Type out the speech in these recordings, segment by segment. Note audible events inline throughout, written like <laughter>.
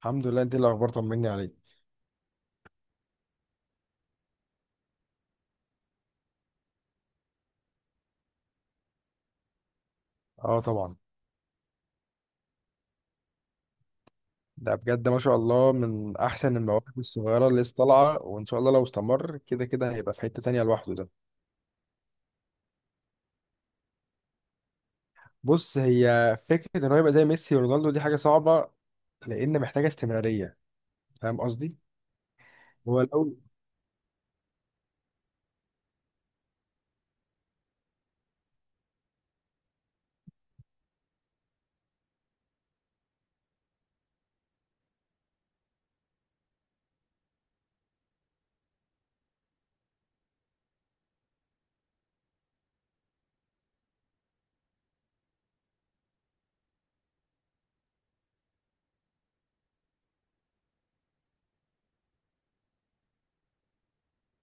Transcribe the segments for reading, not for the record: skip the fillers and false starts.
الحمد لله، انت إيه الاخبار؟ طمني عليك. اه طبعا. ده بجد ما شاء الله من احسن المواهب الصغيره اللي لسه طالعه، وان شاء الله لو استمر كده كده هيبقى في حته تانية لوحده ده. بص، هي فكره ان هو يبقى زي ميسي ورونالدو دي حاجه صعبه، لان محتاجه استمراريه. فاهم قصدي؟ هو لو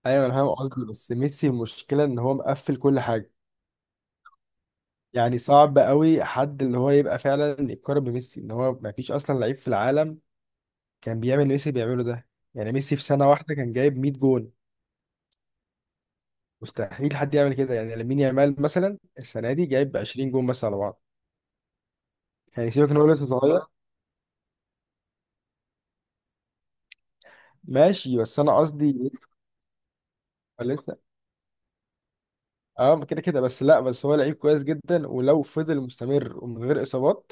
ايوه انا فاهم قصدي، بس ميسي المشكله ان هو مقفل كل حاجه، يعني صعب قوي حد اللي هو يبقى فعلا يتقارن بميسي، ان هو ما فيش اصلا لعيب في العالم كان بيعمل اللي ميسي بيعمله ده. يعني ميسي في سنه واحده كان جايب 100 جون، مستحيل حد يعمل كده، يعني لامين يامال مثلا السنه دي جايب 20 جون بس على بعض، يعني سيبك ان هو لسه صغير. ماشي بس انا قصدي لسه. لسه اه، كده كده، بس لا، بس هو لعيب كويس جدا، ولو فضل مستمر ومن غير اصابات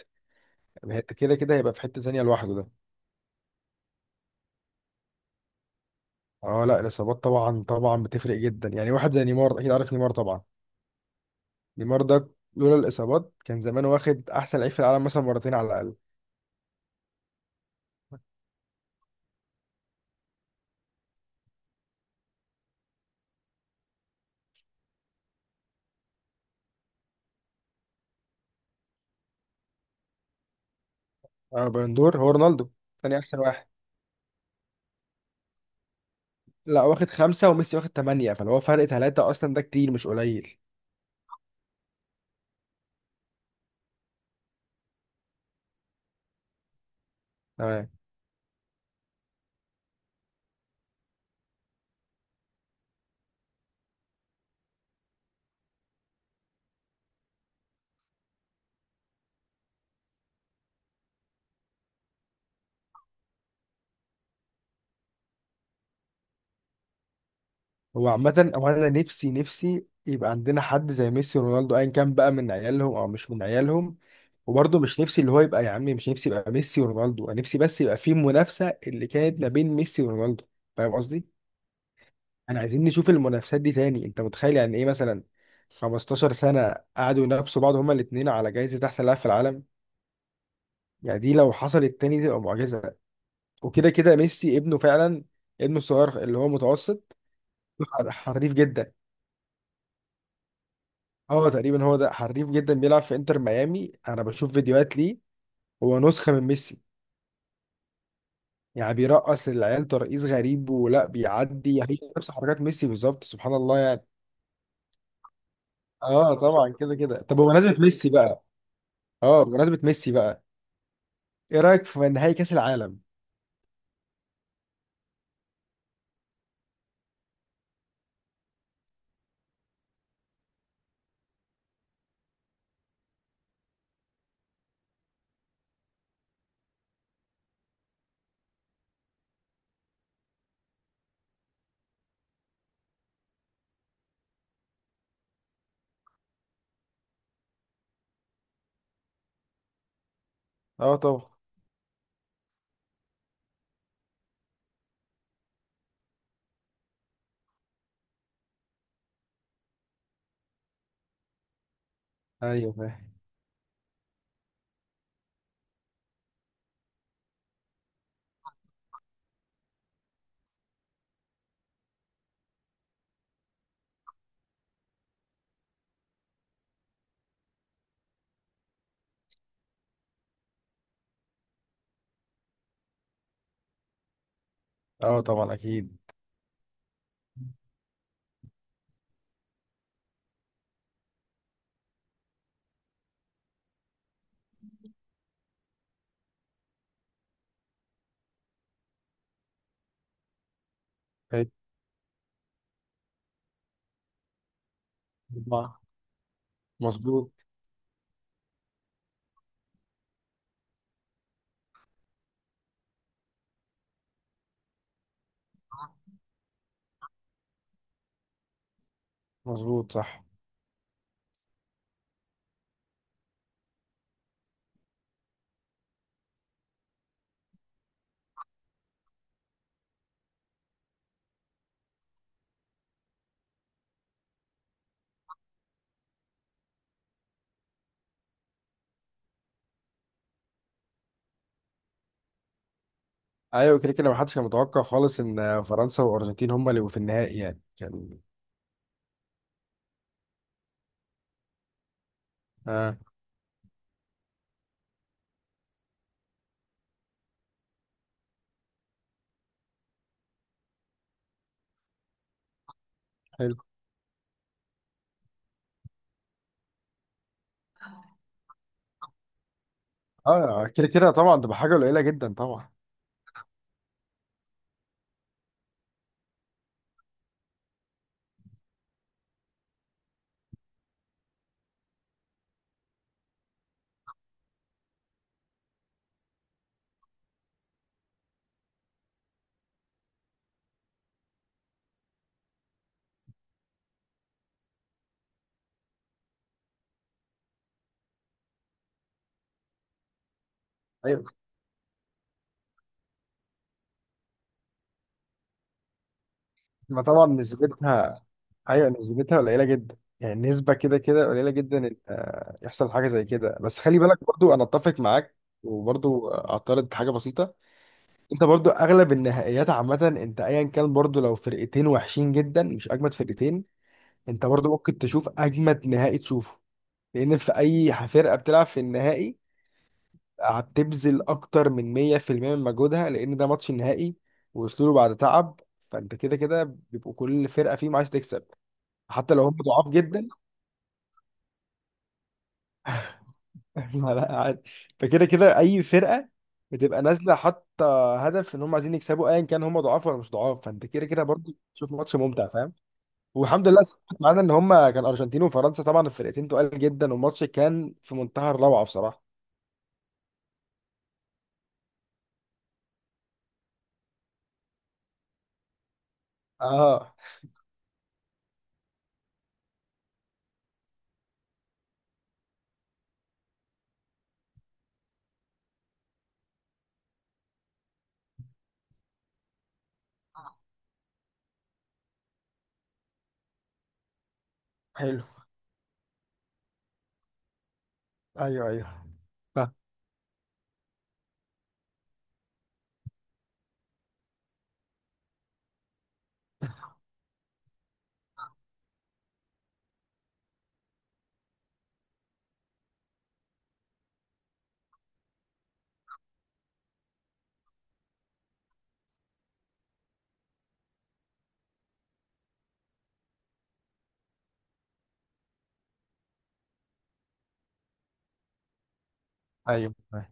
كده كده هيبقى في حته تانيه لوحده ده. اه لا، الاصابات طبعا طبعا بتفرق جدا، يعني واحد زي نيمار، اكيد عارف نيمار طبعا. نيمار ده لولا الاصابات كان زمان واخد احسن لعيب في العالم مثلا مرتين على الاقل. اه، بالندور هو رونالدو، تاني احسن واحد. لا، واخد خمسة وميسي واخد تمانية، فاللي هو فرق تلاتة، أصلا ده كتير مش قليل. تمام. هو عامة هو أنا نفسي نفسي يبقى عندنا حد زي ميسي ورونالدو، أيا كان بقى من عيالهم أو مش من عيالهم. وبرضه مش نفسي اللي هو يبقى، يا عمي مش نفسي يبقى ميسي ورونالدو، أنا نفسي بس يبقى في منافسة اللي كانت ما بين ميسي ورونالدو. فاهم قصدي؟ أنا عايزين نشوف المنافسات دي تاني. أنت متخيل يعني إيه مثلا 15 سنة قعدوا ينافسوا بعض، هما الاتنين، على جايزة أحسن لاعب في العالم؟ يعني دي لو حصلت تاني دي تبقى معجزة. وكده كده ميسي ابنه فعلا، ابنه الصغير اللي هو متوسط، حريف جدا. اه تقريبا هو ده حريف جدا، بيلعب في انتر ميامي، انا بشوف فيديوهات ليه. هو نسخة من ميسي، يعني بيرقص العيال ترقيص غريب ولا بيعدي هي، نفس حركات ميسي بالظبط، سبحان الله يعني. اه طبعا كده كده. طب بمناسبة ميسي بقى، اه بمناسبة ميسي بقى ايه رأيك في نهائي كأس العالم؟ اه طبعا. ايوه فاهم. اه طبعا اكيد. أيوة. طبعاً. مظبوط. مظبوط صح. ايوه كده كده محدش كان متوقع خالص ان فرنسا والارجنتين هما اللي يبقوا في النهائي، يعني كان. اه. حلو. اه كده كده طبعا تبقى حاجه قليله جدا طبعا. ايوه. ما طبعا نسبتها. ايوه نسبتها قليله جدا، يعني نسبه كده كده قليله جدا ان يحصل حاجه زي كده. بس خلي بالك، برضو انا اتفق معاك. وبرضو اعترض حاجه بسيطه. انت برضو اغلب النهائيات عامه انت ايا كان، برضو لو فرقتين وحشين جدا مش اجمد فرقتين، انت برضو ممكن تشوف اجمد نهائي تشوفه، لان في اي فرقه بتلعب في النهائي هتبذل اكتر من 100% من مجهودها، لان ده ماتش نهائي ووصلوا له بعد تعب، فانت كده كده بيبقوا كل فرقه فيهم عايز تكسب، حتى لو هم ضعاف جدا. <laughs> لا لا، عادي. فكده كده اي فرقه بتبقى نازله حاطه هدف ان هم عايزين يكسبوا، ايا كان هم ضعاف ولا مش ضعاف، فانت كده كده برضه تشوف ماتش ممتع، فاهم. والحمد لله سمعت معانا ان هم كان ارجنتين وفرنسا، طبعا الفرقتين تقال جدا، والماتش كان في منتهى الروعه بصراحه. اه. حلو. ايوه، ايوه، ايوه، فاهم.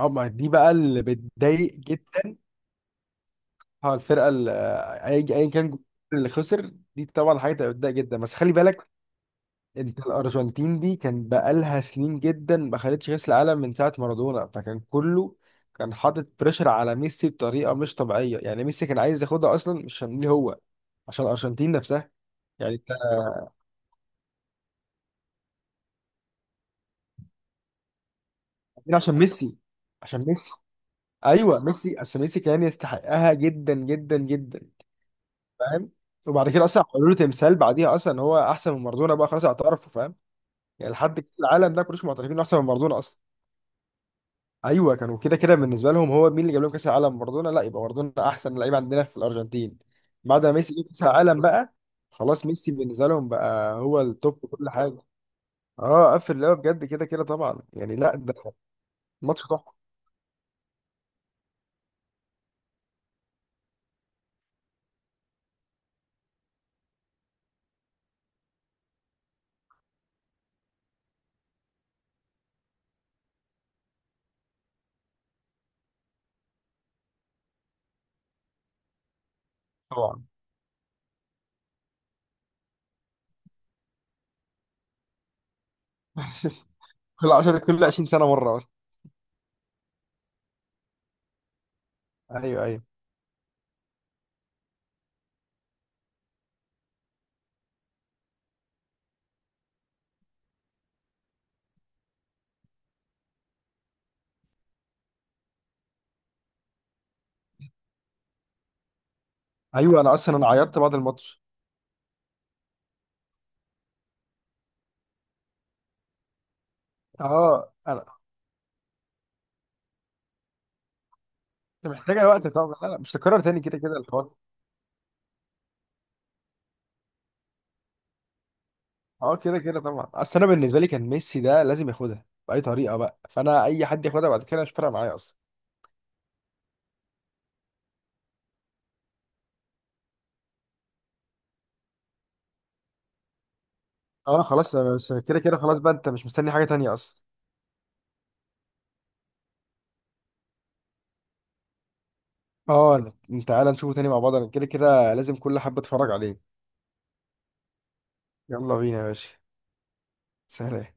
اه، ما دي بقى اللي بتضايق جدا. اه الفرقه اللي، اي ايا كان الجمهور اللي خسر دي، طبعا حاجه تبقى بتضايق جدا، بس خلي بالك، انت الارجنتين دي كان بقالها سنين جدا ما خدتش كاس العالم من ساعه مارادونا، فكان كله كان حاطط بريشر على ميسي بطريقه مش طبيعيه، يعني ميسي كان عايز ياخدها اصلا مش عشان ليه هو، عشان الارجنتين نفسها. يعني انت عاملين عشان ميسي. عشان ميسي. ايوه ميسي عشان ميسي كان يستحقها جدا جدا جدا. فاهم. وبعد كده اصلا عملوا له تمثال بعديها اصلا ان هو احسن من مارادونا، بقى خلاص اعترفوا، فاهم. يعني لحد كاس العالم ده كلش معترفين إنه احسن من مارادونا اصلا. ايوه كانوا كده كده بالنسبه لهم هو مين اللي جاب لهم كاس العالم؟ مارادونا، لا يبقى مارادونا احسن لعيب عندنا في الارجنتين. بعد ما ميسي جه كاس العالم بقى خلاص ميسي بالنسبه لهم بقى هو التوب في كل حاجه. اه قفل اللعبه بجد كده كده طبعا، يعني لا ده ماتش تحفه طبعا. <laughs> كل 10 كل 20 سنه مره اصلا. ايوه، ايوه، ايوه، انا اصلا انا عيطت بعد الماتش. اه انا انت محتاجه وقت طبعا. لا لا مش تكرر تاني كده كده الحوار. اه كده كده طبعا، اصل انا بالنسبه لي كان ميسي ده لازم ياخدها باي طريقه بقى، فانا اي حد ياخدها بعد كده مش فارقه معايا اصلا. اه خلاص، انا كده كده خلاص بقى انت مش مستني حاجه تانية اصلا. اه لا، انت تعالى نشوفه تاني مع بعض، انا كده كده لازم كل حبه اتفرج عليه. يلا بينا يا باشا. سلام